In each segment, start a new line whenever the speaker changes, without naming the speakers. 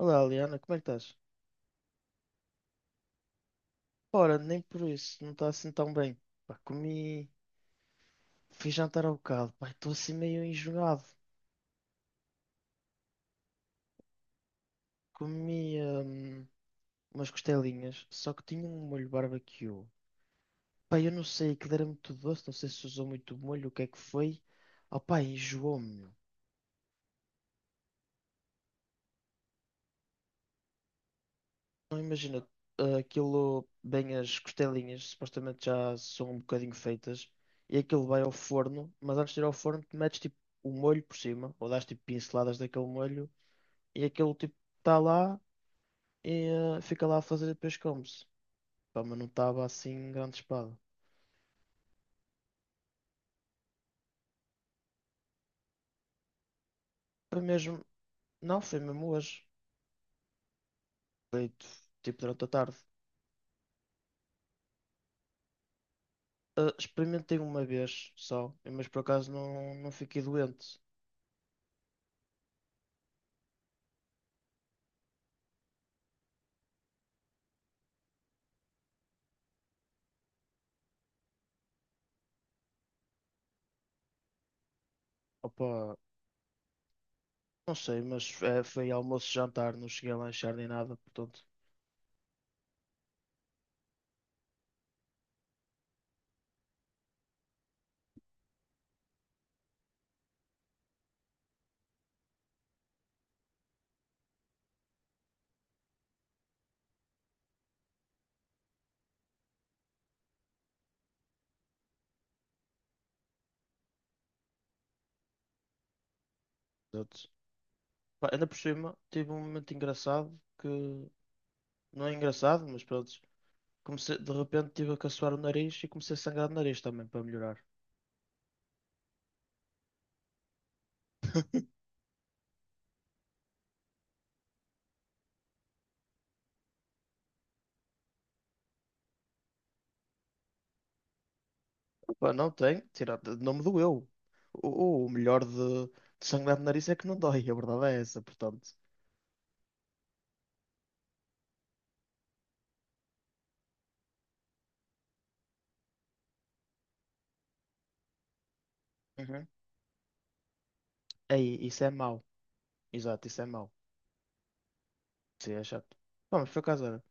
Olá, Liana, como é que estás? Ora, nem por isso, não está assim tão bem. Pá, fui jantar ao bocado, pá, estou assim meio enjoado. Comi umas costelinhas, só que tinha um molho barbecue. Pá, eu não sei, aquilo era muito doce, não sei se usou muito molho, o que é que foi. Oh, pá, enjoou-me, meu. Não imagina, aquilo, bem as costelinhas, supostamente já são um bocadinho feitas, e aquilo vai ao forno, mas antes de ir ao forno, tu metes tipo o molho por cima, ou dás tipo pinceladas daquele molho. E aquele tipo está lá e fica lá a fazer e depois come-se. Pá, mas não estava assim grande espada. Foi mesmo. Não, foi mesmo hoje. Foi tipo durante a tarde. Experimentei uma vez só, mas por acaso não, não fiquei doente. Opa, não sei, mas foi almoço e jantar, não cheguei a lanchar nem nada, portanto. Portanto, pá, ainda por cima, tive um momento engraçado que. Não é engraçado, mas pronto. Comecei, de repente tive a caçoar o nariz e comecei a sangrar o nariz também para melhorar. Pá, não tem, tirar, não me doeu. O melhor de sangrar no nariz é que não dói, a verdade é essa, portanto. Uhum. Aí, isso é mau. Exato, isso é mau. Sim, é chato. Pá, mas por acaso, olha,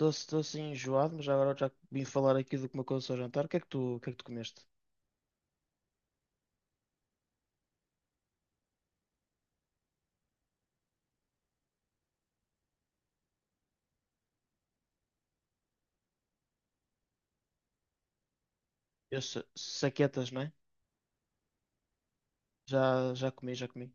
estou assim enjoado, mas agora já que vim falar aqui do que me aconteceu ao jantar. O que é que tu comeste? Eu, saquetas, não é? Já, já comi, já comi.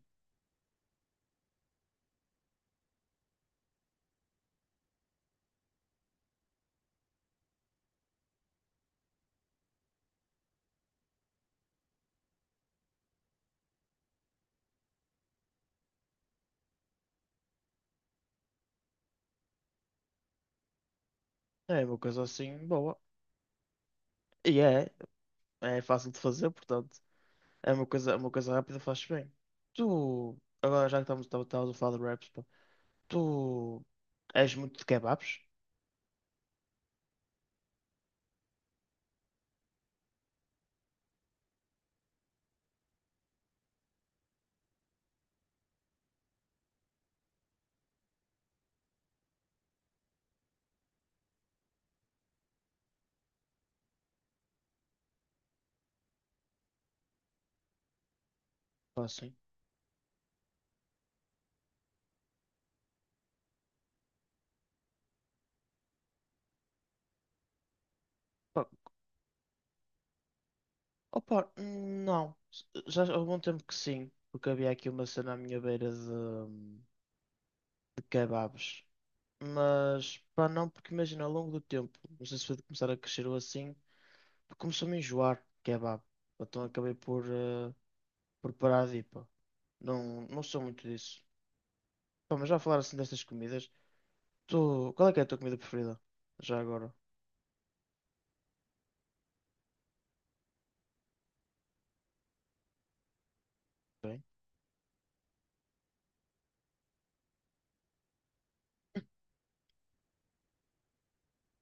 É uma coisa assim boa. E é fácil de fazer, portanto. É uma coisa rápida, faz bem. Tu, agora já que estamos a falar de raps, pá. Tu és muito de kebabs? Ou assim? Pá, opa, não. Já há algum tempo que sim, porque havia aqui uma cena à minha beira de kebabs. Mas, pá, não, porque imagina, ao longo do tempo, não sei se foi de começar a crescer ou assim, começou-me a enjoar de kebab. Então acabei por parar de ir, pá. Não, não sou muito disso. Pá, mas já a falar assim destas comidas, tu, qual é que é a tua comida preferida? Já agora, bem?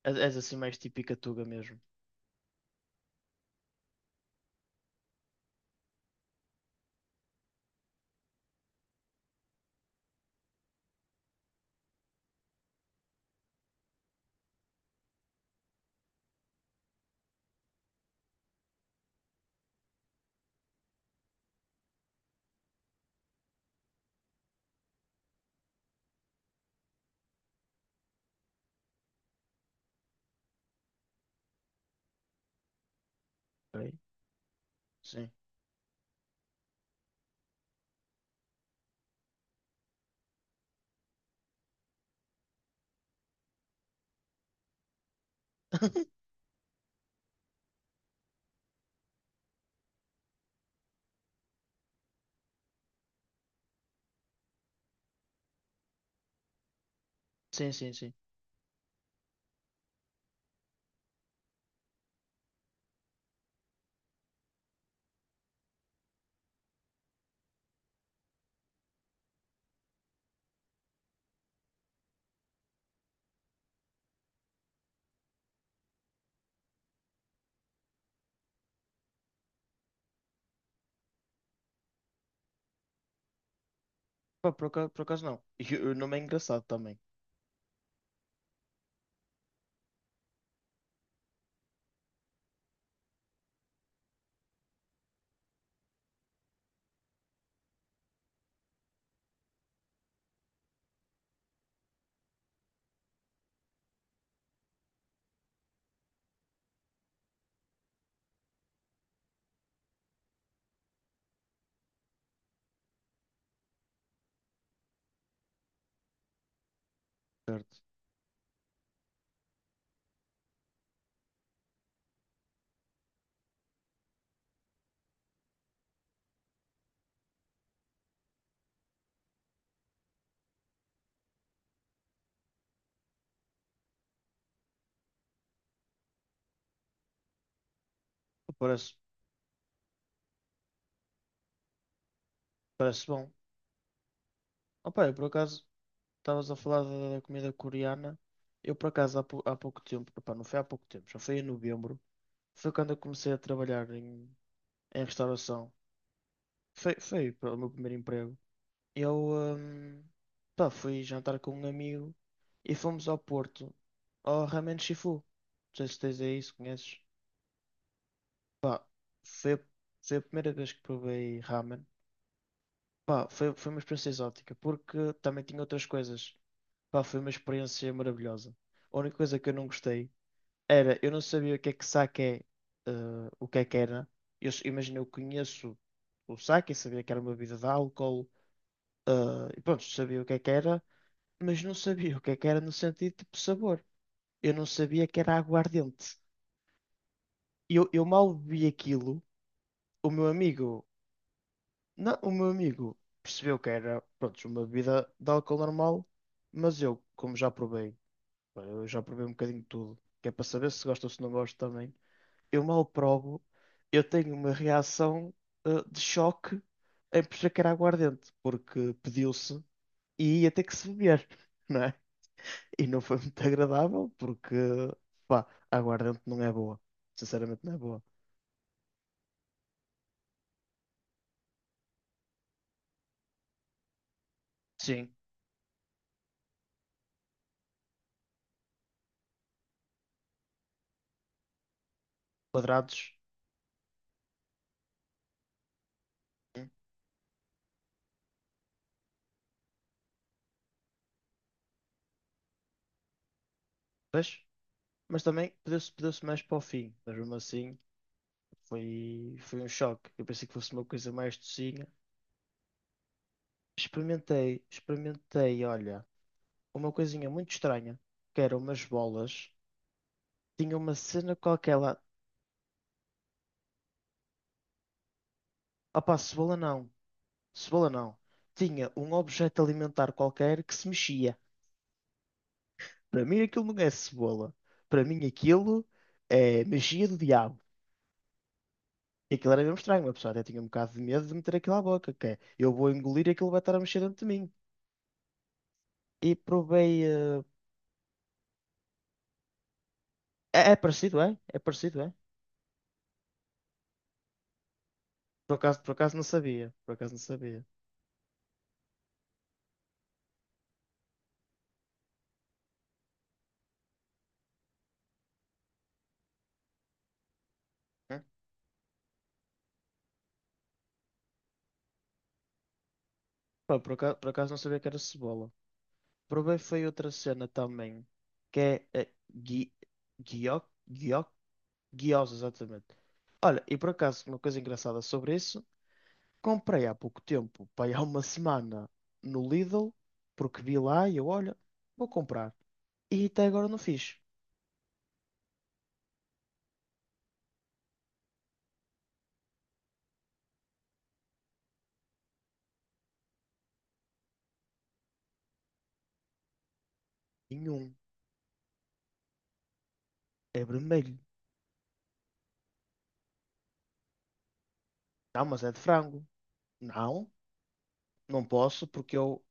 És assim mais típica tuga mesmo, bem? Sim. Sim, sim, sim. Pá, por acaso não. E o nome é engraçado também. Certo. Parece, parece bom. Opa, eu por acaso estavas a falar da comida coreana. Eu por acaso há pouco tempo, opá, não foi há pouco tempo, já foi em novembro. Foi quando eu comecei a trabalhar em restauração. Foi pá, o meu primeiro emprego. Eu hum, pá, fui jantar com um amigo e fomos ao Porto, ao Ramen Shifu. Não sei se tens aí, se conheces. Pá, foi, a- foi a primeira vez que provei ramen. Pá, foi uma experiência exótica, porque também tinha outras coisas. Pá, foi uma experiência maravilhosa. A única coisa que eu não gostei era, eu não sabia o que é que sake é, eh, o que é que era. Eu, imagina, eu conheço o sake, sabia que era uma bebida de álcool, eh, e pronto, sabia o que é que era, mas não sabia o que é que era no sentido tipo sabor. Eu não sabia que era aguardente. Eu mal bebi aquilo, o meu amigo. Não, o meu amigo percebeu que era, pronto, uma bebida de álcool normal, mas eu, como já provei, pá, eu já provei um bocadinho de tudo, que é para saber se gosto ou se não gosto também, eu mal provo, eu tenho uma reação de choque em perceber que era aguardente, porque pediu-se e ia ter que se beber, não é? E não foi muito agradável, porque, pá, aguardente não é boa. Sinceramente não é boa. Sim, quadrados, hum, pois. Mas também pediu-se mais para o fim, mas mesmo assim foi um choque. Eu pensei que fosse uma coisa mais docinha. Experimentei, olha, uma coisinha muito estranha, que eram umas bolas. Tinha uma cena qualquer lá. Opá, cebola não, cebola não. Tinha um objeto alimentar qualquer que se mexia. Para mim aquilo não é cebola. Para mim aquilo é magia do diabo. E aquilo era mesmo estranho, uma pessoa até tinha um bocado de medo de meter aquilo à boca, que é, eu vou engolir e aquilo vai estar a mexer dentro de mim. E provei. É parecido, é? É parecido, é? Por acaso não sabia. Por acaso não sabia. Hum? Pá, por acaso não sabia que era cebola. Provei foi outra cena também. Que é. Guio, guio, Guiosa, exatamente. Olha, e por acaso, uma coisa engraçada sobre isso. Comprei há pouco tempo, pá, há uma semana no Lidl. Porque vi lá e eu, olha, vou comprar. E até agora não fiz. Nenhum. É vermelho. Não, mas é de frango. Não. Não posso porque eu.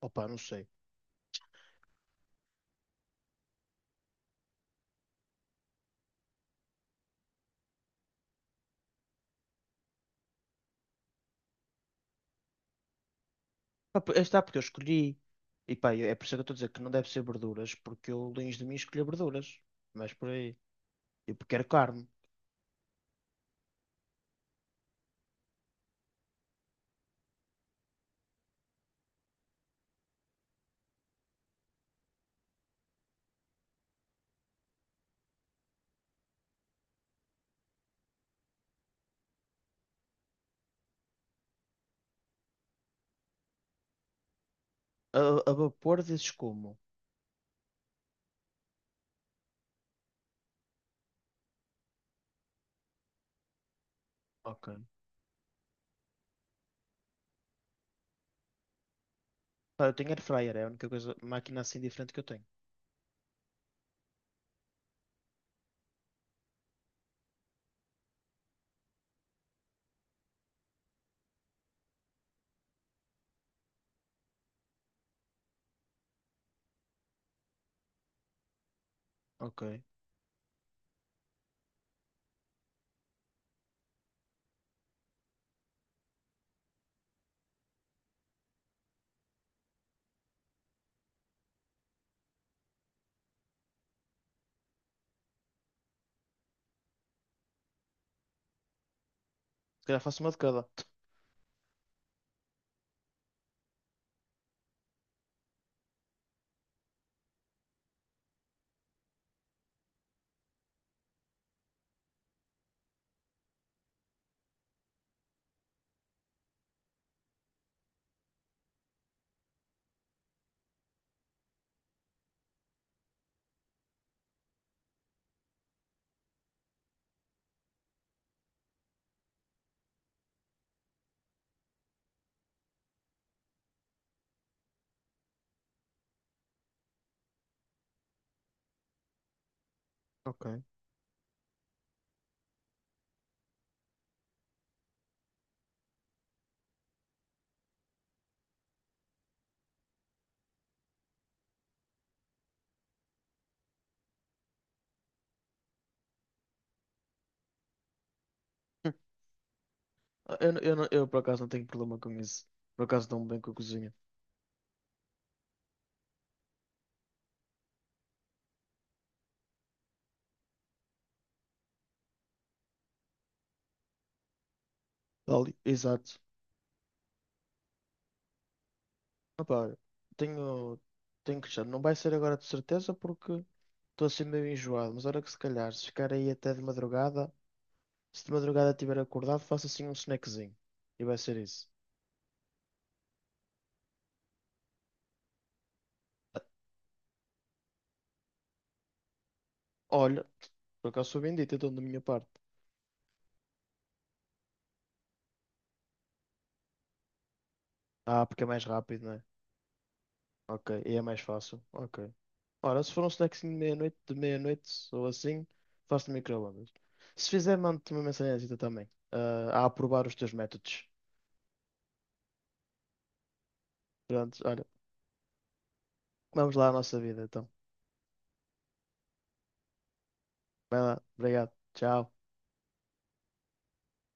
Opa, não sei. Ah, está porque eu escolhi. E pá, é por isso que eu estou a dizer que não deve ser verduras, porque eu, longe de mim, escolhi verduras. Mas por aí. Eu quero carne. A, a vapor dizes como? Ok. Pá, eu tenho air fryer, é a única coisa, máquina assim diferente que eu tenho. Ok. Se calhar faço uma de cada. Ok. Ah, eu, por acaso não tenho problema com isso. Por acaso dou-me bem com a cozinha. Ali. Exato. Opa, tenho. Tenho que deixar. Não vai ser agora de certeza porque. Estou assim meio enjoado, mas olha que se calhar, se ficar aí até de madrugada, se de madrugada estiver acordado, faço assim um snackzinho. E vai ser isso. Olha, por acaso sou bendito, então da minha parte. Ah, porque é mais rápido, né? Ok, e é mais fácil. Ok. Ora, se for um snackzinho de meia-noite ou assim, faço no micro-ondas. Se fizer, mando-te uma mensagem também, a aprovar os teus métodos. Pronto, olha, vamos lá à nossa vida, então. Vai lá, obrigado, tchau.